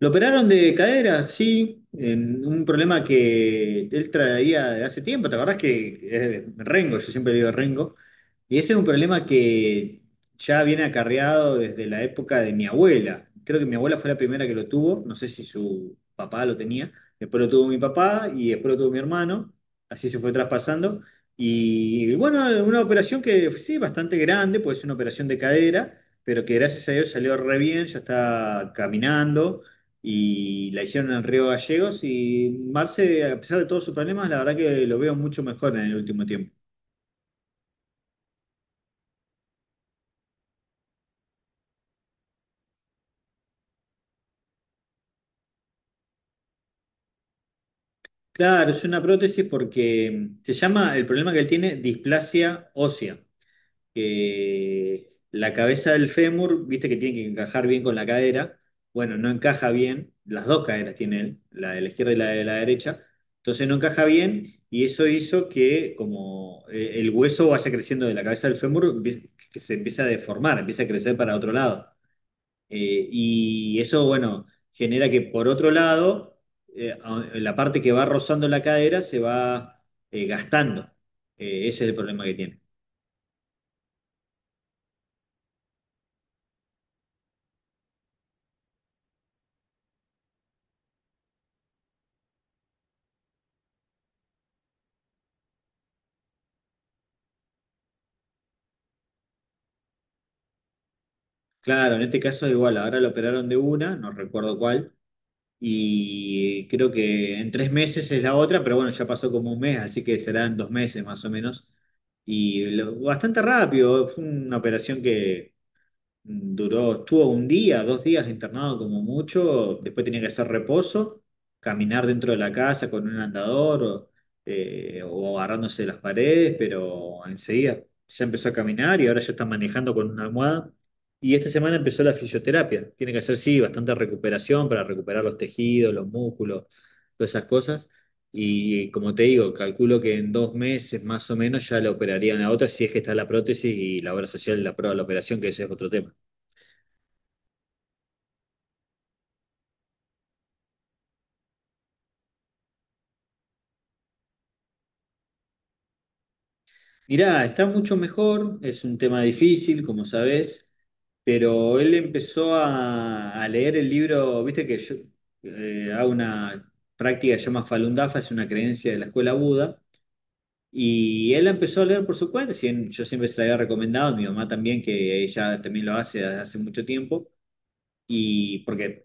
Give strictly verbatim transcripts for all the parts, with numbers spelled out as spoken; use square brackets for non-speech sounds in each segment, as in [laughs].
Lo operaron de cadera, sí, en un problema que él traía de hace tiempo, ¿te acordás que es Rengo? Yo siempre digo Rengo, y ese es un problema que ya viene acarreado desde la época de mi abuela. Creo que mi abuela fue la primera que lo tuvo, no sé si su papá lo tenía, después lo tuvo mi papá y después lo tuvo mi hermano, así se fue traspasando. Y bueno, una operación que sí, bastante grande, pues es una operación de cadera pero que gracias a Dios salió re bien, ya está caminando y la hicieron en Río Gallegos y Marce, a pesar de todos sus problemas, la verdad que lo veo mucho mejor en el último tiempo. Claro, es una prótesis porque se llama, el problema que él tiene, displasia ósea, que la cabeza del fémur, viste que tiene que encajar bien con la cadera, bueno, no encaja bien, las dos caderas tiene él, la de la izquierda y la de la derecha, entonces no encaja bien y eso hizo que como eh, el hueso vaya creciendo de la cabeza del fémur, empie- que se empieza a deformar, empieza a crecer para otro lado. Eh, y eso, bueno, genera que por otro lado, eh, a- la parte que va rozando la cadera se va eh, gastando. Eh, ese es el problema que tiene. Claro, en este caso es igual, ahora lo operaron de una, no recuerdo cuál, y creo que en tres meses es la otra, pero bueno, ya pasó como un mes, así que será en dos meses más o menos. Y lo- bastante rápido, fue una operación que duró, estuvo un día, dos días internado como mucho, después tenía que hacer reposo, caminar dentro de la casa con un andador o, eh, o agarrándose de las paredes, pero enseguida ya empezó a caminar y ahora ya está manejando con una almohada. Y esta semana empezó la fisioterapia. Tiene que hacer, sí, bastante recuperación para recuperar los tejidos, los músculos, todas esas cosas. Y como te digo, calculo que en dos meses más o menos ya la operarían la otra, si es que está la prótesis y la obra social la prueba de la operación, que ese es otro tema. Mirá, está mucho mejor, es un tema difícil, como sabés, pero él empezó a, a leer el libro, viste que yo eh, hago una práctica que se llama Falun Dafa, es una creencia de la escuela Buda, y él la empezó a leer por su cuenta, si bien yo siempre se la había recomendado, mi mamá también, que ella también lo hace desde hace mucho tiempo, y porque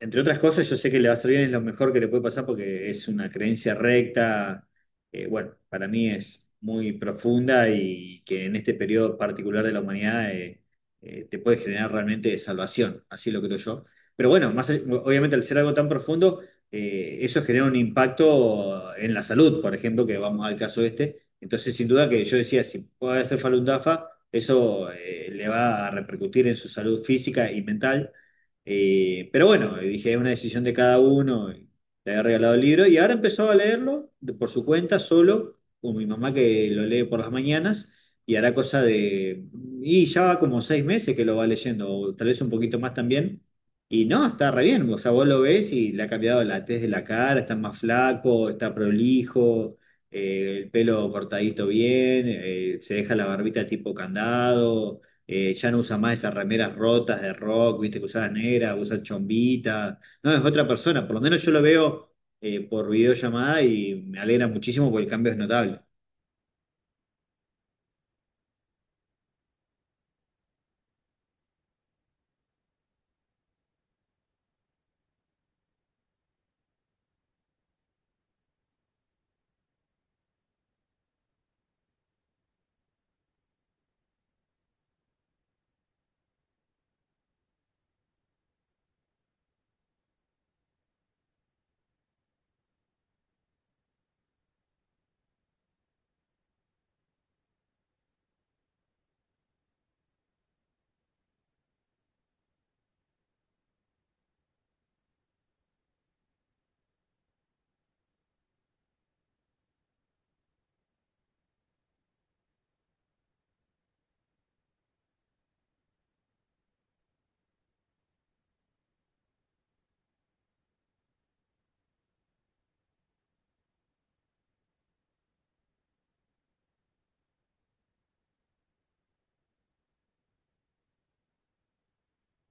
entre otras cosas, yo sé que le va a salir bien, es lo mejor que le puede pasar porque es una creencia recta, eh, bueno, para mí es muy profunda y que en este periodo particular de la humanidad eh, eh, te puede generar realmente salvación, así lo creo yo. Pero bueno, más, allá- obviamente al ser algo tan profundo, eh, eso genera un impacto en la salud, por ejemplo, que vamos al caso este. Entonces, sin duda que yo decía, si puede hacer Falun Dafa, eso eh, le va a repercutir en su salud física y mental. Eh, pero bueno, dije, es una decisión de cada uno, y le había regalado el libro y ahora empezó a leerlo de- por su cuenta, solo, con mi mamá que lo lee por las mañanas, y hará cosa de, y ya va como seis meses que lo va leyendo, o tal vez un poquito más también, y no, está re bien, o sea, vos lo ves y le ha cambiado la tez de la cara, está más flaco, está prolijo, eh, el pelo cortadito bien, eh, se deja la barbita tipo candado. Eh, ya no usa más esas remeras rotas de rock, viste, que usaba negra, usa chombita. No, es otra persona. Por lo menos yo lo veo eh, por videollamada y me alegra muchísimo porque el cambio es notable.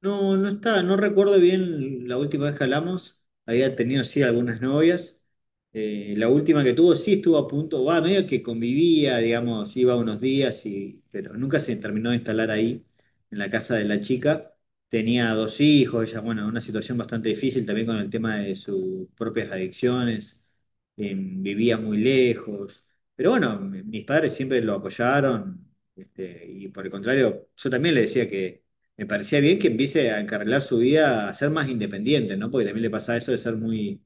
No, no está, no recuerdo bien la última vez que hablamos. Había tenido sí algunas novias. Eh, la última que tuvo sí estuvo a punto, va, medio que convivía, digamos, iba unos días y, pero nunca se terminó de instalar ahí en la casa de la chica. Tenía dos hijos, ella, bueno, una situación bastante difícil también con el tema de sus propias adicciones. Eh, vivía muy lejos. Pero bueno, mi- mis padres siempre lo apoyaron, este, y por el contrario, yo también le decía que me parecía bien que empiece a encarrilar su vida a ser más independiente, ¿no? Porque también le pasa eso de ser muy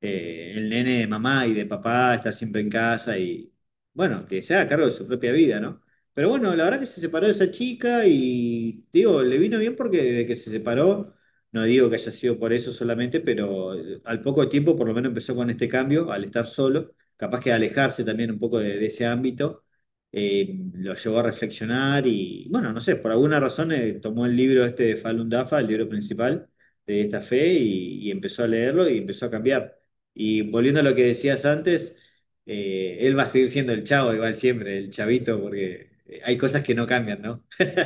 eh, el nene de mamá y de papá, está siempre en casa y, bueno, que se haga cargo de su propia vida, ¿no? Pero bueno, la verdad que se separó de esa chica y, digo, le vino bien porque desde que se separó, no digo que haya sido por eso solamente, pero eh, al poco tiempo por lo menos empezó con este cambio, al estar solo, capaz que alejarse también un poco de, de ese ámbito. eh, lo llevó a reflexionar y, bueno, no sé, por alguna razón eh, tomó el libro este de Falun Dafa, el libro principal de esta fe, y y empezó a leerlo y empezó a cambiar. Y volviendo a lo que decías antes, eh, él va a seguir siendo el chavo igual siempre, el chavito, porque eh, hay cosas que no cambian, ¿no? [laughs]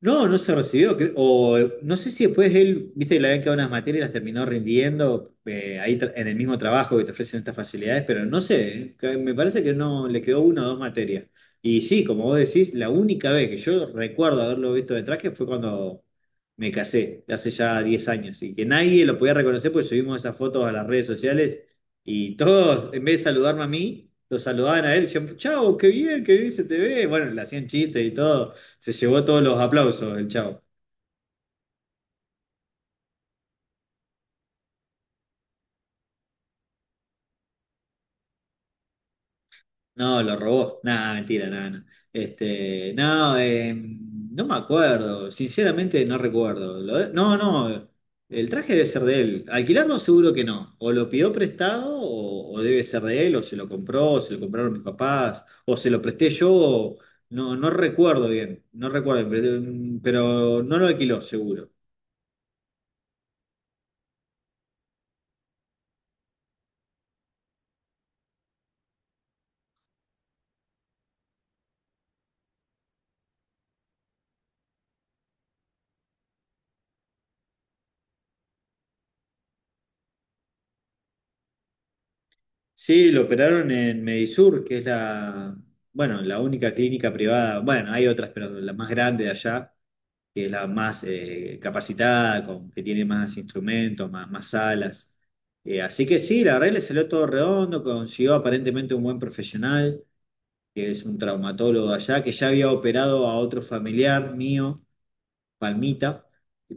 No, no se recibió. Cre- O eh, no sé si después él, viste que le habían quedado unas materias, las terminó rindiendo eh, ahí tra- en el mismo trabajo que te ofrecen estas facilidades, pero no sé, eh, que me parece que no le quedó una o dos materias. Y sí, como vos decís, la única vez que yo recuerdo haberlo visto de traje fue cuando me casé, hace ya diez años, y que nadie lo podía reconocer porque subimos esas fotos a las redes sociales y todos, en vez de saludarme a mí, lo saludaban a él, decían, chao, qué bien, qué bien se te ve. Bueno, le hacían chistes y todo. Se llevó todos los aplausos el chavo. No, lo robó. Nada, mentira, nada, no. Este, no, eh, no me acuerdo. Sinceramente no recuerdo. Lo de- no, no. El traje debe ser de él. Alquilarlo seguro que no. O lo pidió prestado o, o debe ser de él, o se lo compró, o se lo compraron mis papás, o se lo presté yo. O- no, no recuerdo bien. No recuerdo bien, pero pero no lo alquiló seguro. Sí, lo operaron en Medisur, que es la, bueno, la única clínica privada, bueno, hay otras, pero la más grande de allá, que es la más eh, capacitada, con, que tiene más instrumentos, más, más salas. Eh, así que sí, la verdad le salió todo redondo, consiguió aparentemente un buen profesional, que es un traumatólogo allá, que ya había operado a otro familiar mío, Palmita,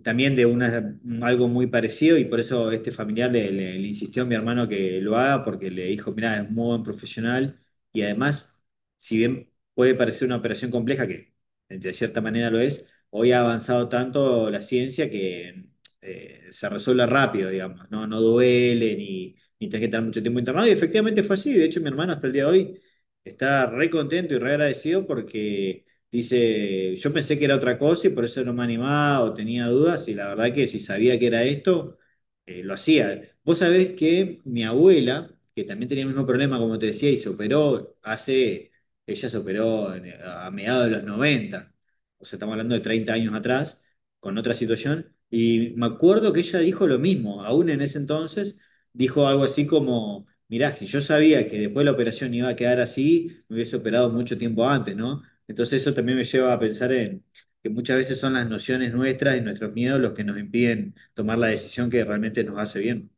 también de una, algo muy parecido y por eso este familiar le, le- le insistió a mi hermano que lo haga porque le dijo, mira, es muy buen profesional y además, si bien puede parecer una operación compleja, que de cierta manera lo es, hoy ha avanzado tanto la ciencia que eh, se resuelve rápido, digamos, no, no duele ni, ni tenés que estar mucho tiempo internado y efectivamente fue así, de hecho mi hermano hasta el día de hoy está re contento y re agradecido porque dice, yo pensé que era otra cosa y por eso no me animaba o tenía dudas y la verdad que si sabía que era esto, eh, lo hacía. Vos sabés que mi abuela, que también tenía el mismo problema, como te decía, y se operó hace, ella se operó en- a mediados de los noventa, o sea, estamos hablando de treinta años atrás, con otra situación, y me acuerdo que ella dijo lo mismo, aún en ese entonces, dijo algo así como, mirá, si yo sabía que después de la operación iba a quedar así, me hubiese operado mucho tiempo antes, ¿no? Entonces eso también me lleva a pensar en que muchas veces son las nociones nuestras y nuestros miedos los que nos impiden tomar la decisión que realmente nos hace bien.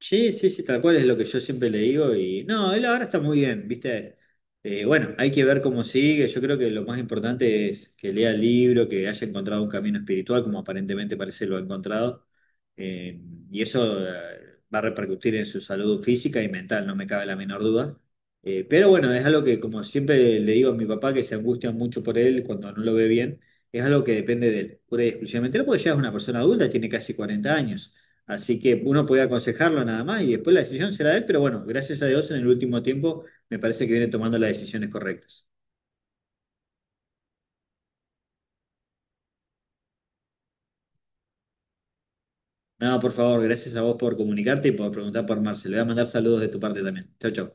Sí, sí, sí, tal cual es lo que yo siempre le digo y no, él ahora está muy bien, ¿viste? Eh, bueno, hay que ver cómo sigue, yo creo que lo más importante es que lea el libro, que haya encontrado un camino espiritual, como aparentemente parece lo ha encontrado, eh, y eso eh, va a repercutir en su salud física y mental, no me cabe la menor duda. Eh, pero bueno, es algo que como siempre le digo a mi papá, que se angustia mucho por él cuando no lo ve bien, es algo que depende de él, pura y exclusivamente. Él porque ya es una persona adulta, tiene casi cuarenta años. Así que uno puede aconsejarlo nada más y después la decisión será de él, pero bueno, gracias a Dios en el último tiempo me parece que viene tomando las decisiones correctas. Nada, por favor, gracias a vos por comunicarte y por preguntar por Marcel. Le voy a mandar saludos de tu parte también. Chau, chau.